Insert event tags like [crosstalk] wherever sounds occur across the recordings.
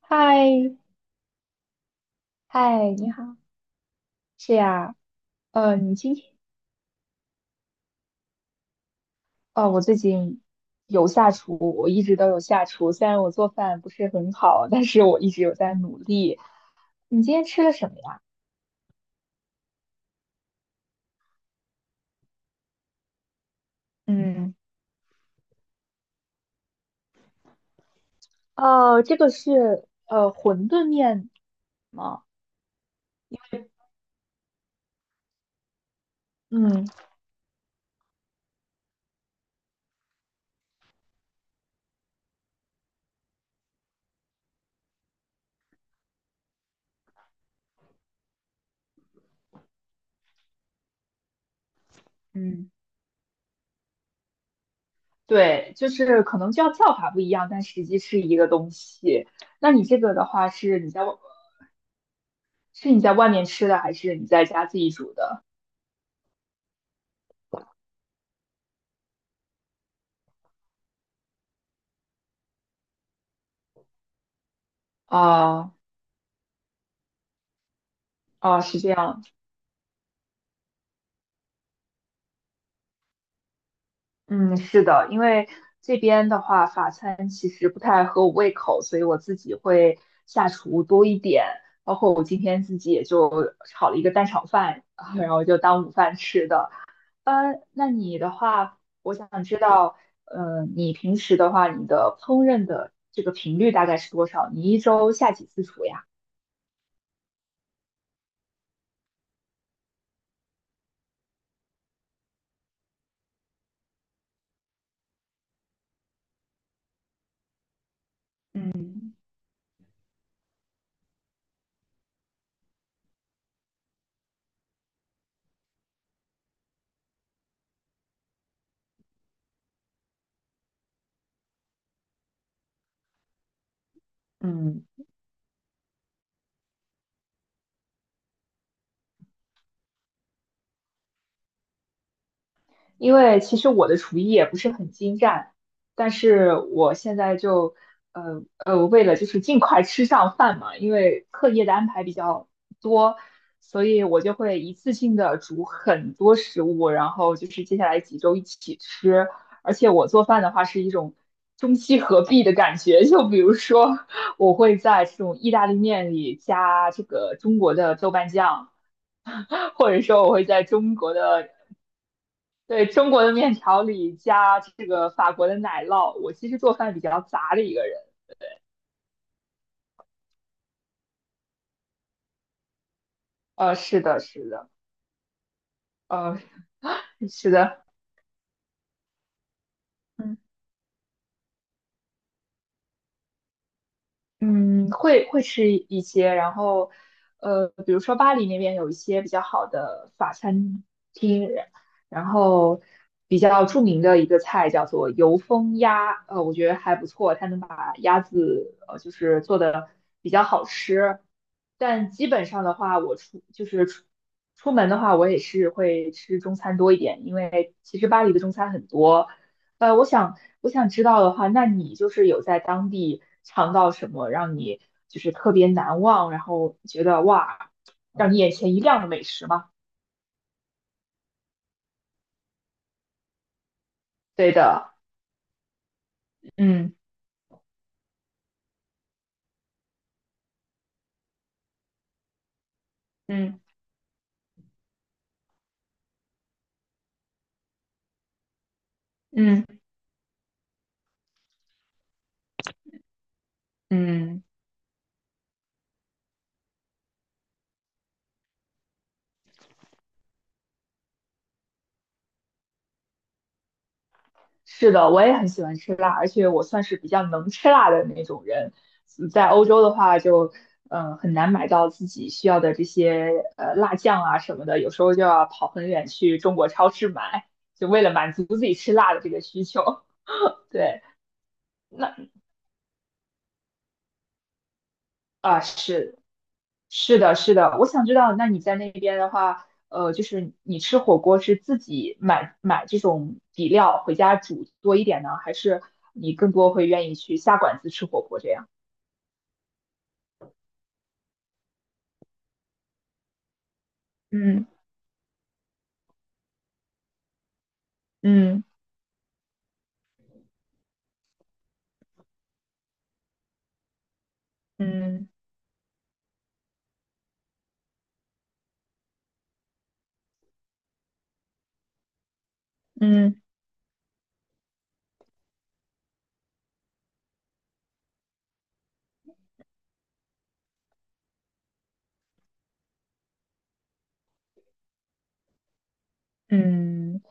嗨，嗨，你好，是呀，你今天，哦，我最近有下厨，我一直都有下厨，虽然我做饭不是很好，但是我一直有在努力。你今天吃了什么呀？嗯，哦，这个是馄饨面吗？嗯，嗯，对，就是可能叫法不一样，但实际是一个东西。那你这个的话，是你在外面吃的，还是你在家自己煮的？啊、啊、是这样。嗯，是的，因为这边的话，法餐其实不太合我胃口，所以我自己会下厨多一点。包括我今天自己也就炒了一个蛋炒饭，啊然后就当午饭吃的。那你的话，我想知道，你平时的话，你的烹饪的这个频率大概是多少？你一周下几次厨呀？嗯，嗯因为其实我的厨艺也不是很精湛，但是我现在就，为了就是尽快吃上饭嘛，因为课业的安排比较多，所以我就会一次性的煮很多食物，然后就是接下来几周一起吃。而且我做饭的话是一种中西合璧的感觉，就比如说我会在这种意大利面里加这个中国的豆瓣酱。或者说我会在中国的。对，中国的面条里加这个法国的奶酪，我其实做饭比较杂的一个人。是的，是的，呃，是的，嗯。嗯，会吃一些，然后，比如说巴黎那边有一些比较好的法餐厅，然后比较著名的一个菜叫做油封鸭，我觉得还不错，它能把鸭子就是做的比较好吃，但基本上的话，我出就是出出门的话，我也是会吃中餐多一点，因为其实巴黎的中餐很多。我想知道的话，那你就是有在当地尝到什么让你就是特别难忘，然后觉得哇，让你眼前一亮的美食吗？对的，嗯嗯嗯嗯，是的，我也很喜欢吃辣，而且我算是比较能吃辣的那种人。在欧洲的话就，很难买到自己需要的这些辣酱啊什么的，有时候就要跑很远去中国超市买，就为了满足自己吃辣的这个需求。[laughs] 对。那。啊，是的，是的，我想知道，那你在那边的话，就是你吃火锅是自己买这种底料回家煮多一点呢，还是你更多会愿意去下馆子吃火锅这样？嗯嗯嗯嗯嗯。嗯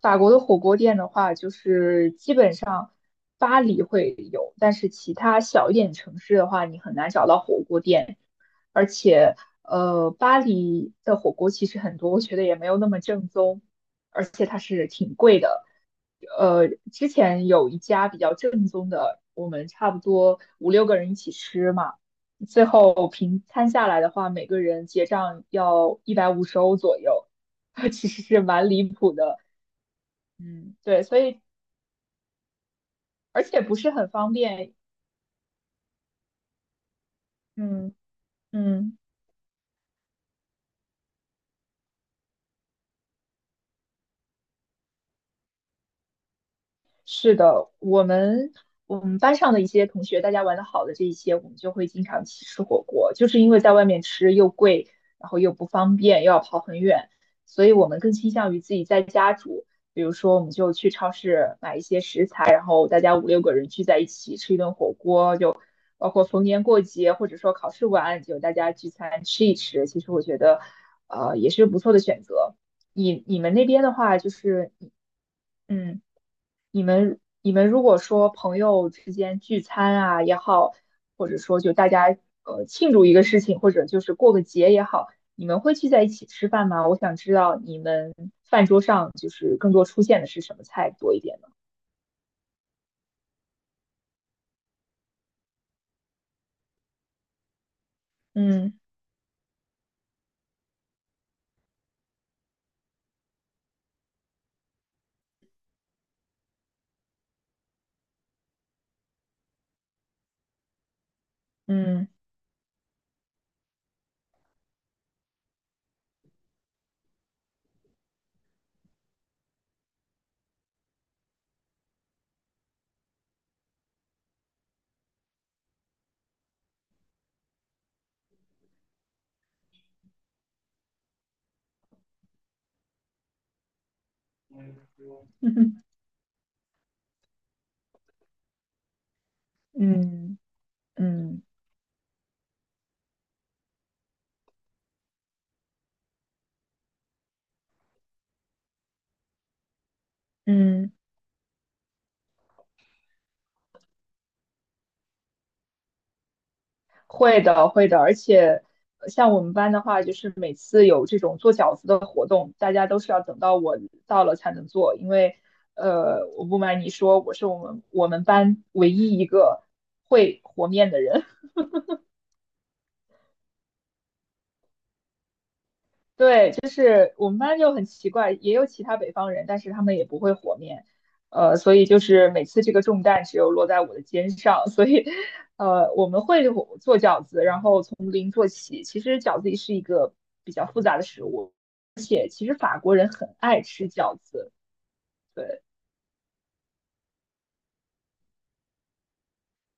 法国的火锅店的话，就是基本上巴黎会有，但是其他小一点城市的话，你很难找到火锅店。而且，巴黎的火锅其实很多，我觉得也没有那么正宗。之前有一家比较正宗的，我们差不多五六个人一起吃嘛，最后平摊下来的话，每个人结账要150欧左右，[laughs] 其实是蛮离谱的。嗯，对，所以而且不是很方便。嗯嗯。是的，我们班上的一些同学，大家玩的好的这一些，我们就会经常去吃火锅，就是因为在外面吃又贵，然后又不方便，又要跑很远，所以我们更倾向于自己在家煮。比如说，我们就去超市买一些食材，然后大家五六个人聚在一起吃一顿火锅，就包括逢年过节或者说考试完，就大家聚餐吃一吃。其实我觉得，也是不错的选择。你那边的话，就是，嗯。你们如果说朋友之间聚餐啊也好，或者说就大家庆祝一个事情，或者就是过个节也好，你们会聚在一起吃饭吗？我想知道你们饭桌上就是更多出现的是什么菜多一点呢？嗯嗯 [laughs] 嗯嗯嗯。会的，会的，而且像我们班的话，就是每次有这种做饺子的活动，大家都是要等到我到了才能做，因为我不瞒你说，我是我们班唯一一个会和面的人。[laughs] 对，就是我们班就很奇怪，也有其他北方人，但是他们也不会和面，所以就是每次这个重担只有落在我的肩上，[laughs] 所以我们会做饺子，然后从零做起。其实饺子也是一个比较复杂的食物。其实法国人很爱吃饺子，对，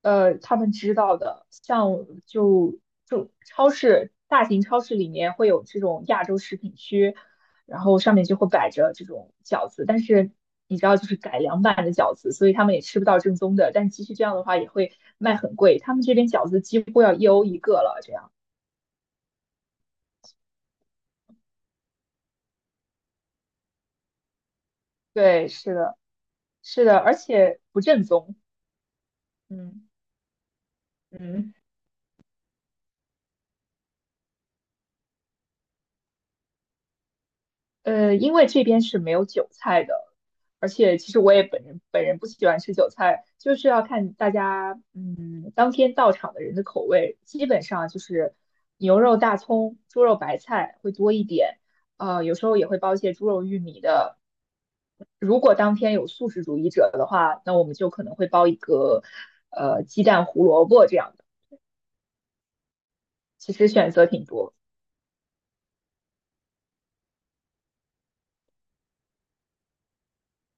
他们知道的，像就就超市大型超市里面会有这种亚洲食品区，然后上面就会摆着这种饺子，但是你知道就是改良版的饺子，所以他们也吃不到正宗的，但即使这样的话也会卖很贵，他们这边饺子几乎要1欧一个了，这样，对，是的，是的，而且不正宗，嗯嗯。因为这边是没有韭菜的，而且其实我也本人不喜欢吃韭菜，就是要看大家嗯当天到场的人的口味，基本上就是牛肉、大葱、猪肉、白菜会多一点，有时候也会包一些猪肉、玉米的。如果当天有素食主义者的话，那我们就可能会包一个鸡蛋、胡萝卜这样的，其实选择挺多。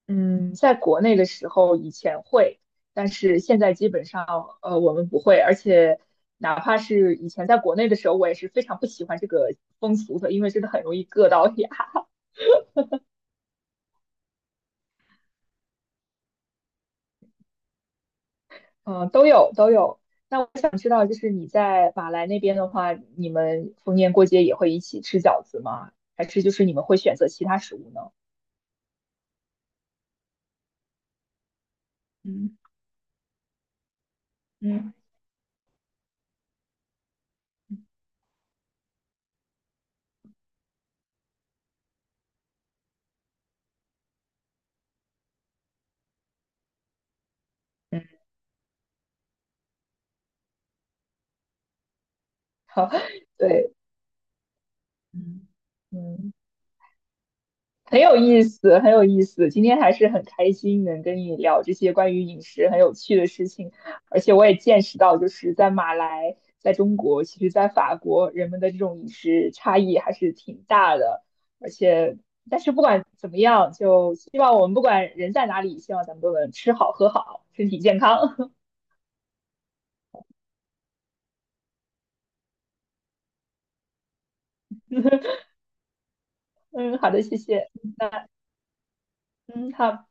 嗯，在国内的时候以前会，但是现在基本上我们不会，而且哪怕是以前在国内的时候，我也是非常不喜欢这个风俗的，因为真的很容易硌到牙。嗯，都有都有。那我想知道，就是你在马来那边的话，你们逢年过节也会一起吃饺子吗？还是就是你们会选择其他食物呢？嗯嗯嗯，好，[laughs] 对，嗯。嗯。很有意思，很有意思。今天还是很开心能跟你聊这些关于饮食很有趣的事情，而且我也见识到，就是在马来，在中国，其实在法国，人们的这种饮食差异还是挺大的。而且，但是不管怎么样，就希望我们不管人在哪里，希望咱们都能吃好喝好，身体健康。[laughs] 嗯，好的，谢谢。那嗯，好。